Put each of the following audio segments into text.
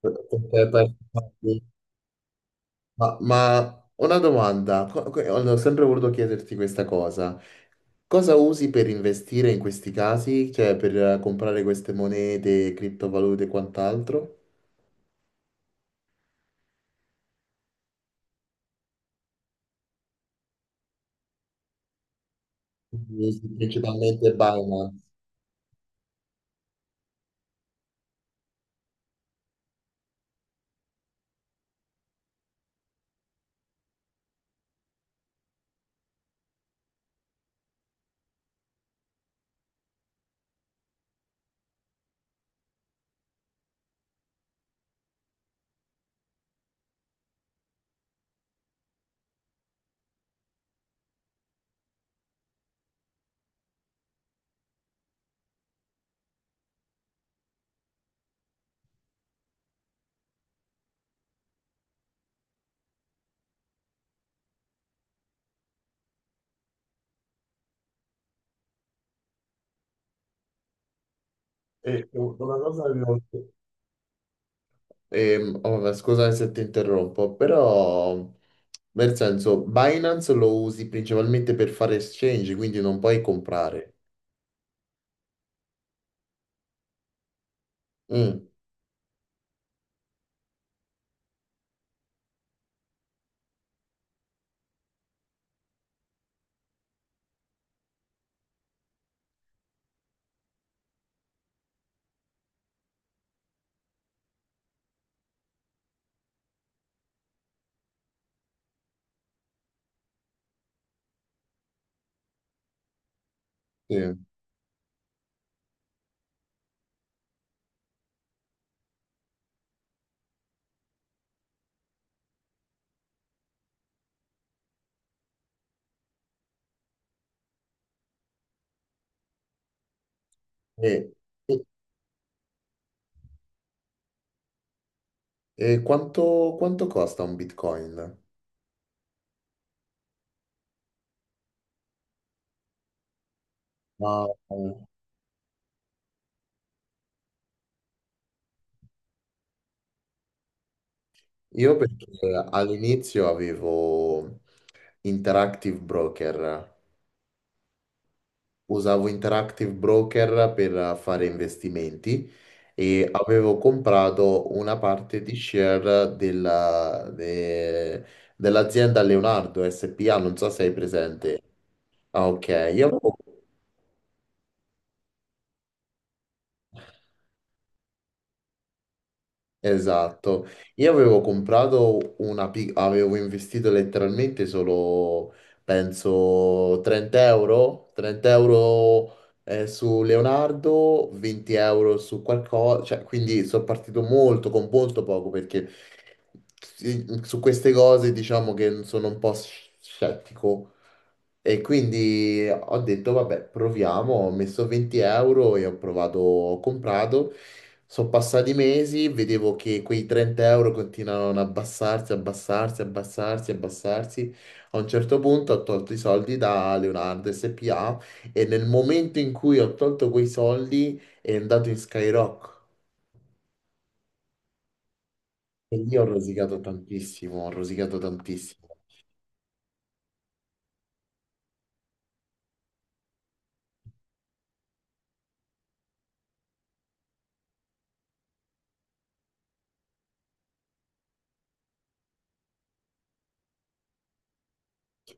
Per- per- una domanda, ho sempre voluto chiederti questa cosa. Cosa usi per investire in questi casi? Cioè per comprare queste monete, criptovalute e quant'altro? Usi principalmente Binance. E una cosa che ho- oh, Scusami se ti interrompo, però nel senso Binance lo usi principalmente per fare exchange, quindi non puoi comprare. Mm, sì. E- E quanto, quanto costa un Bitcoin? Ma eh, io perché all'inizio avevo Interactive Broker, usavo Interactive Broker per fare investimenti e avevo comprato una parte di share dell'azienda Leonardo SPA, non so se hai presente. Ah, ok, io avevo. Esatto, io avevo comprato avevo investito letteralmente solo, penso, 30 euro, 30 euro su Leonardo, 20 euro su qualcosa, cioè, quindi sono partito molto con molto poco perché sì, su queste cose diciamo che sono un po' scettico e quindi ho detto, vabbè, proviamo, ho messo 20 euro e ho provato, ho comprato. Sono passati mesi, vedevo che quei 30 euro continuavano ad abbassarsi, abbassarsi, abbassarsi, abbassarsi. A un certo punto ho tolto i soldi da Leonardo SPA e nel momento in cui ho tolto quei soldi è andato in Skyrock. E lì ho rosicato tantissimo, ho rosicato tantissimo.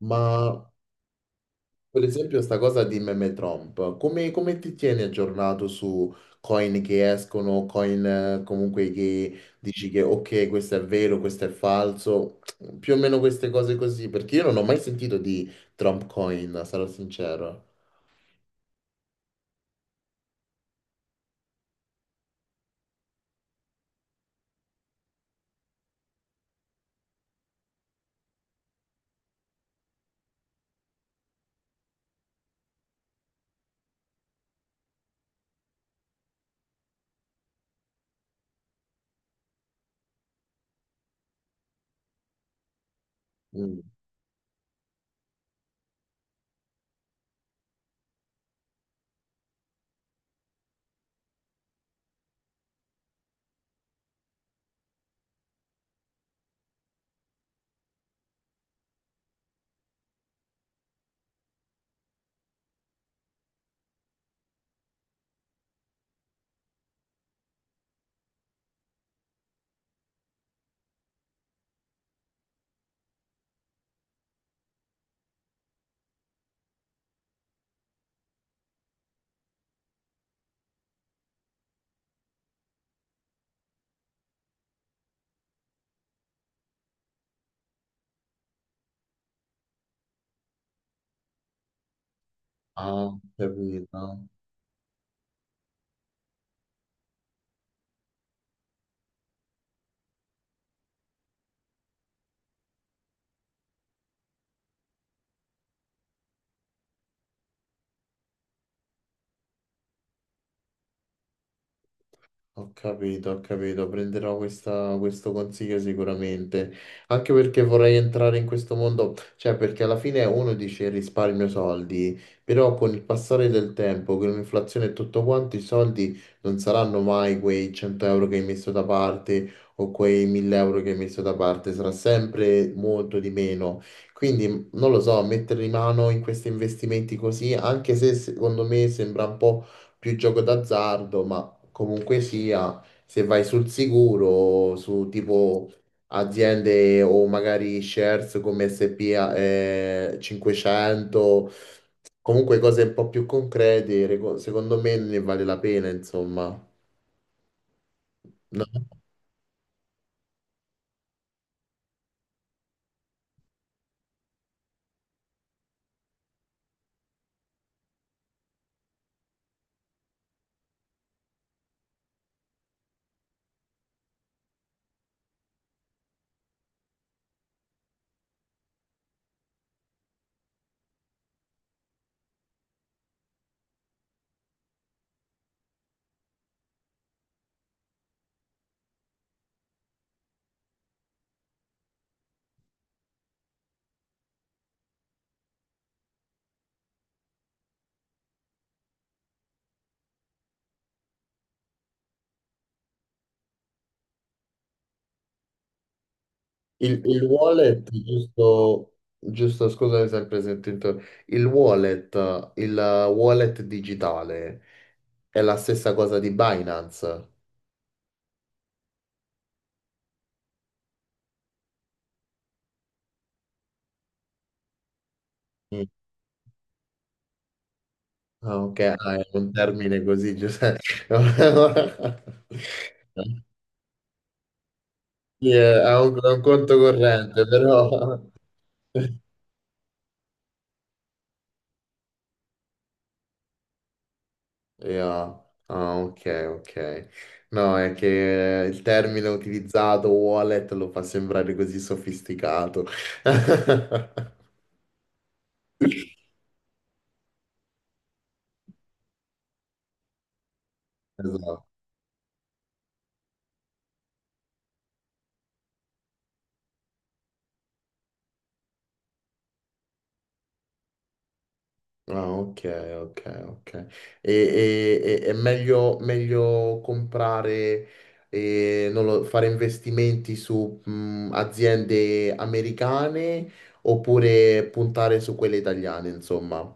Ma Per esempio, sta cosa di meme Trump, come, come ti tieni aggiornato su coin che escono, coin comunque che dici che ok, questo è vero, questo è falso, più o meno queste cose così, perché io non ho mai sentito di Trump coin, sarò sincero. Mm. Ah, capito. Ho capito, ho capito, prenderò questo consiglio sicuramente, anche perché vorrei entrare in questo mondo, cioè perché alla fine uno dice risparmio soldi, però con il passare del tempo, con l'inflazione e tutto quanto, i soldi non saranno mai quei 100 euro che hai messo da parte o quei 1000 euro che hai messo da parte, sarà sempre molto di meno. Quindi non lo so, mettere in mano in questi investimenti così, anche se secondo me sembra un po' più gioco d'azzardo, ma comunque sia, se vai sul sicuro, su tipo aziende o magari shares come S&P 500, comunque cose un po' più concrete, secondo me ne vale la pena, insomma. No? Il wallet, giusto, giusto, scusami sempre se ti il wallet digitale è la stessa cosa di Binance. Ah, ok, ah, è un termine così, Giuseppe. Sì, è un conto corrente, però... Yeah. Ah, ok, ok. No, è che il termine utilizzato, wallet, lo fa sembrare così sofisticato. Esatto. Ah, ok, ok, ok. È meglio, meglio comprare, non lo- fare investimenti su aziende americane oppure puntare su quelle italiane, insomma.